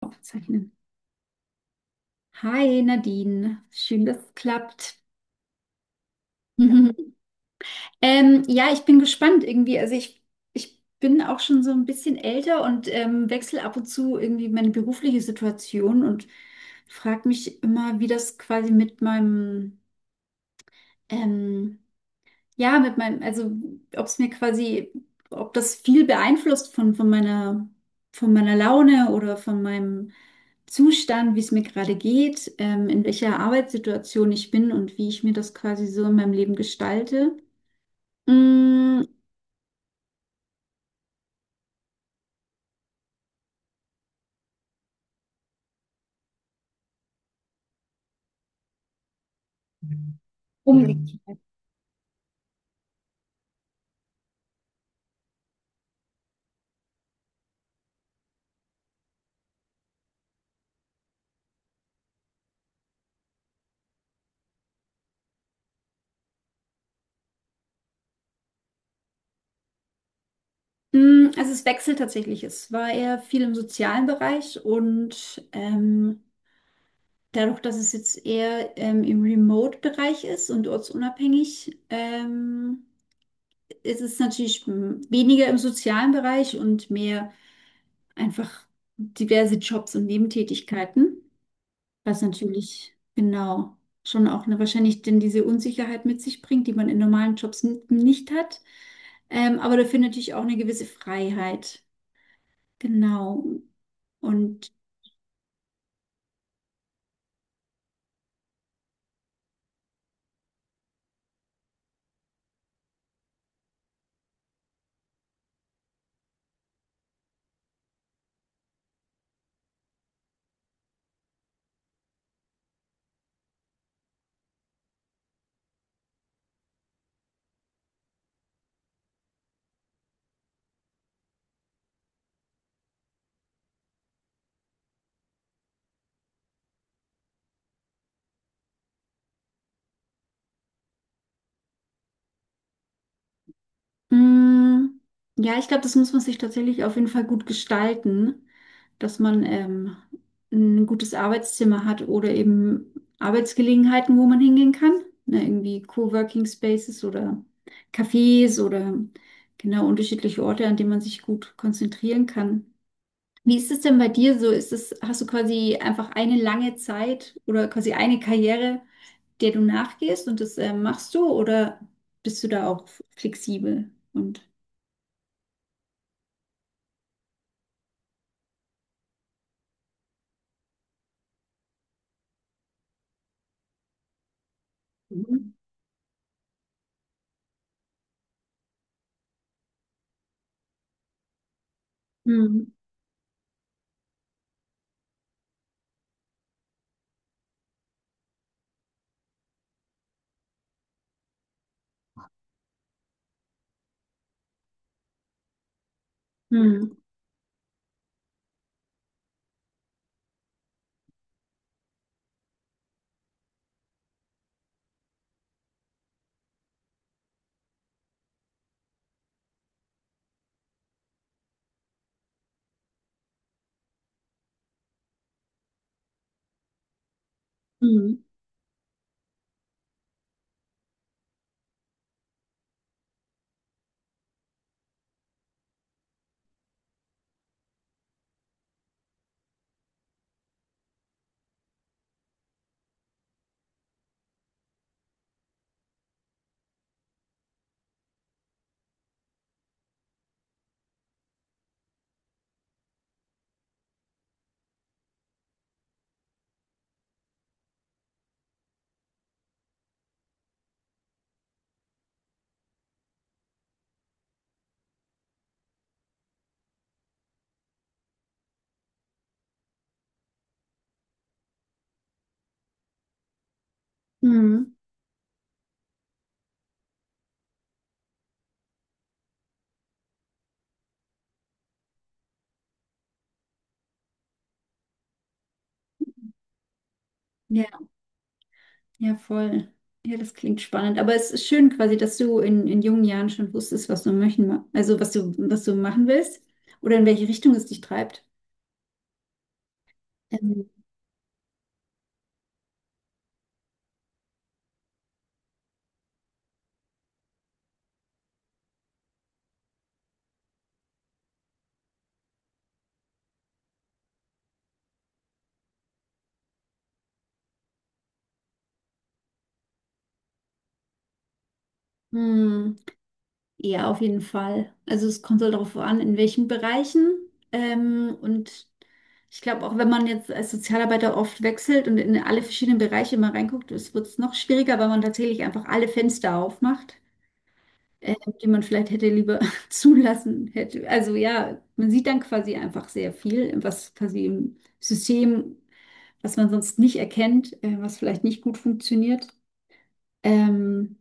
Aufzeichnen. Hi Nadine, schön, dass es klappt. Ja. Ich bin gespannt irgendwie. Ich bin auch schon so ein bisschen älter und wechsle ab und zu irgendwie meine berufliche Situation und frage mich immer, wie das quasi mit meinem ähm, ja, mit meinem, also ob es mir quasi, ob das viel beeinflusst von meiner, von meiner Laune oder von meinem Zustand, wie es mir gerade geht, in welcher Arbeitssituation ich bin und wie ich mir das quasi so in meinem Leben gestalte. Mm, unbedingt. Also es wechselt tatsächlich. Es war eher viel im sozialen Bereich und dadurch, dass es jetzt eher im Remote-Bereich ist und ortsunabhängig, es ist natürlich weniger im sozialen Bereich und mehr einfach diverse Jobs und Nebentätigkeiten, was natürlich genau schon auch eine, wahrscheinlich denn diese Unsicherheit mit sich bringt, die man in normalen Jobs nicht hat. Aber dafür natürlich auch eine gewisse Freiheit. Genau. Und mm, ja, ich glaube, das muss man sich tatsächlich auf jeden Fall gut gestalten, dass man ein gutes Arbeitszimmer hat oder eben Arbeitsgelegenheiten, wo man hingehen kann. Ne, irgendwie Coworking Spaces oder Cafés oder genau unterschiedliche Orte, an denen man sich gut konzentrieren kann. Wie ist es denn bei dir so? Ist es, hast du quasi einfach eine lange Zeit oder quasi eine Karriere, der du nachgehst und das machst du oder bist du da auch flexibel und mhm. Mhm. Mhm. Mhm. Mhm. Ja, ja, voll. Ja, das klingt spannend. Aber es ist schön quasi, dass du in jungen Jahren schon wusstest, was du möchten, also was du machen willst oder in welche Richtung es dich treibt. Ähm, hm, ja, auf jeden Fall. Also es kommt halt darauf an, in welchen Bereichen. Und ich glaube, auch wenn man jetzt als Sozialarbeiter oft wechselt und in alle verschiedenen Bereiche mal reinguckt, es wird es noch schwieriger, weil man tatsächlich einfach alle Fenster aufmacht. äh, Die man vielleicht hätte lieber zulassen hätte. Also ja, man sieht dann quasi einfach sehr viel, was quasi im System, was man sonst nicht erkennt, was vielleicht nicht gut funktioniert. Ähm,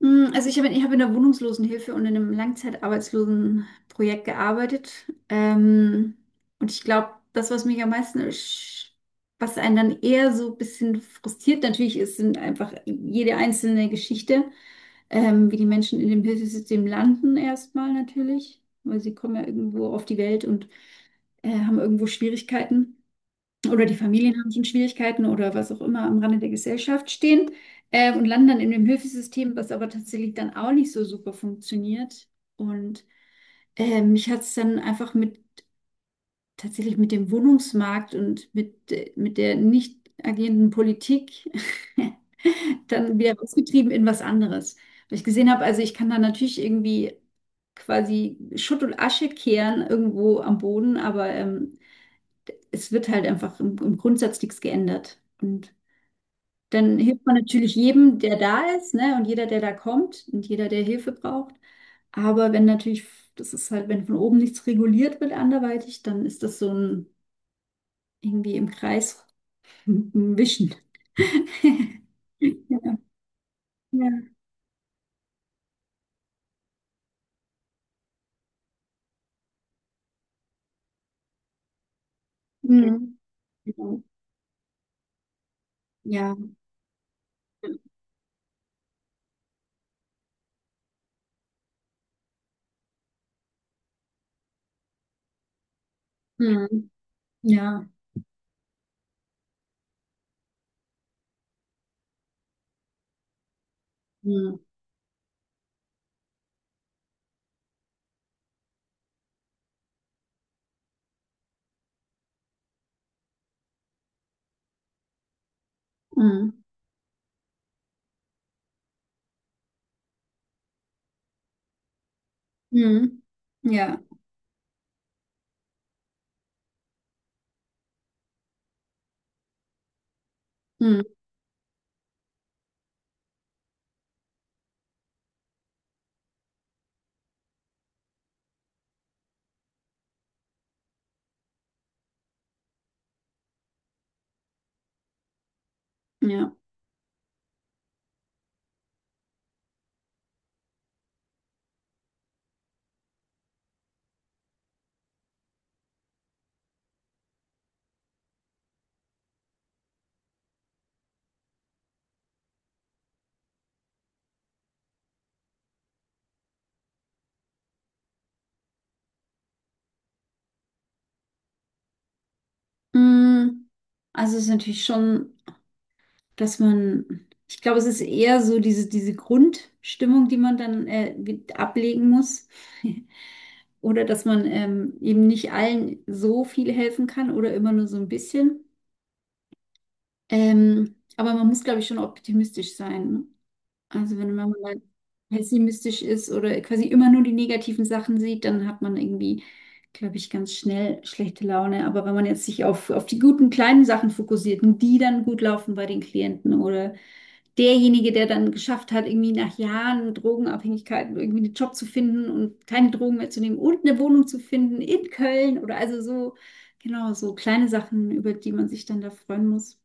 also ich habe in der Wohnungslosenhilfe und in einem Langzeitarbeitslosenprojekt gearbeitet. Und ich glaube, was mich am was einen dann eher so ein bisschen frustriert natürlich ist, sind einfach jede einzelne Geschichte. Wie die Menschen in dem Hilfesystem landen erstmal natürlich, weil sie kommen ja irgendwo auf die Welt und haben irgendwo Schwierigkeiten oder die Familien haben schon Schwierigkeiten oder was auch immer am Rande der Gesellschaft stehen und landen dann in dem Hilfesystem, was aber tatsächlich dann auch nicht so super funktioniert. Und mich hat es dann einfach mit tatsächlich mit dem Wohnungsmarkt und mit der nicht agierenden Politik dann wieder rausgetrieben in was anderes. Weil ich gesehen habe, also ich kann da natürlich irgendwie quasi Schutt und Asche kehren irgendwo am Boden, aber es wird halt einfach im Grundsatz nichts geändert. Und dann hilft man natürlich jedem, der da ist, ne, und jeder, der da kommt und jeder, der Hilfe braucht. Aber wenn natürlich, das ist halt, wenn von oben nichts reguliert wird anderweitig, dann ist das so ein irgendwie im Kreis wischen. Ja, ja. Mhm. Ja. Mhm. Ja. Mhm. Mhm. Mhm. Ja. Mhm. Ja. Mhm. Also es ist natürlich schon, dass man, ich glaube, es ist eher so diese Grundstimmung, die man dann ablegen muss. Oder dass man eben nicht allen so viel helfen kann oder immer nur so ein bisschen. Aber man muss, glaube ich, schon optimistisch sein, ne? Also wenn man mal pessimistisch ist oder quasi immer nur die negativen Sachen sieht, dann hat man irgendwie, glaube ich, ganz schnell schlechte Laune. Aber wenn man jetzt sich auf die guten kleinen Sachen fokussiert und die dann gut laufen bei den Klienten oder derjenige, der dann geschafft hat, irgendwie nach Jahren Drogenabhängigkeit irgendwie einen Job zu finden und keine Drogen mehr zu nehmen und eine Wohnung zu finden in Köln oder also so, genau, so kleine Sachen, über die man sich dann da freuen muss.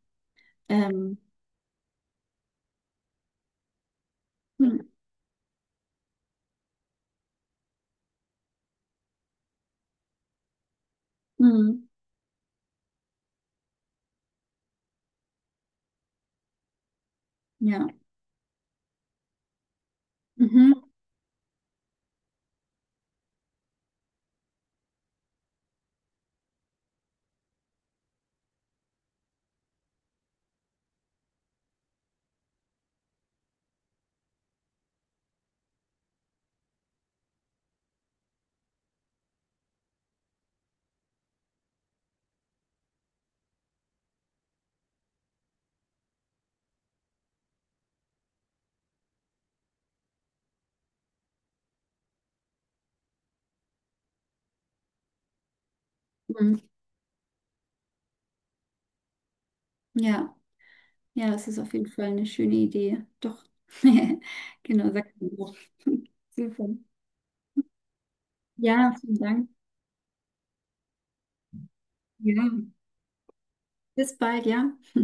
Ähm, hm, hm, ja. Mhm. Mhm. Ja. Ja, das ist auf jeden Fall eine schöne Idee. Doch. Genau, sag mir super. Ja, vielen Dank. Ja, bis bald, ja.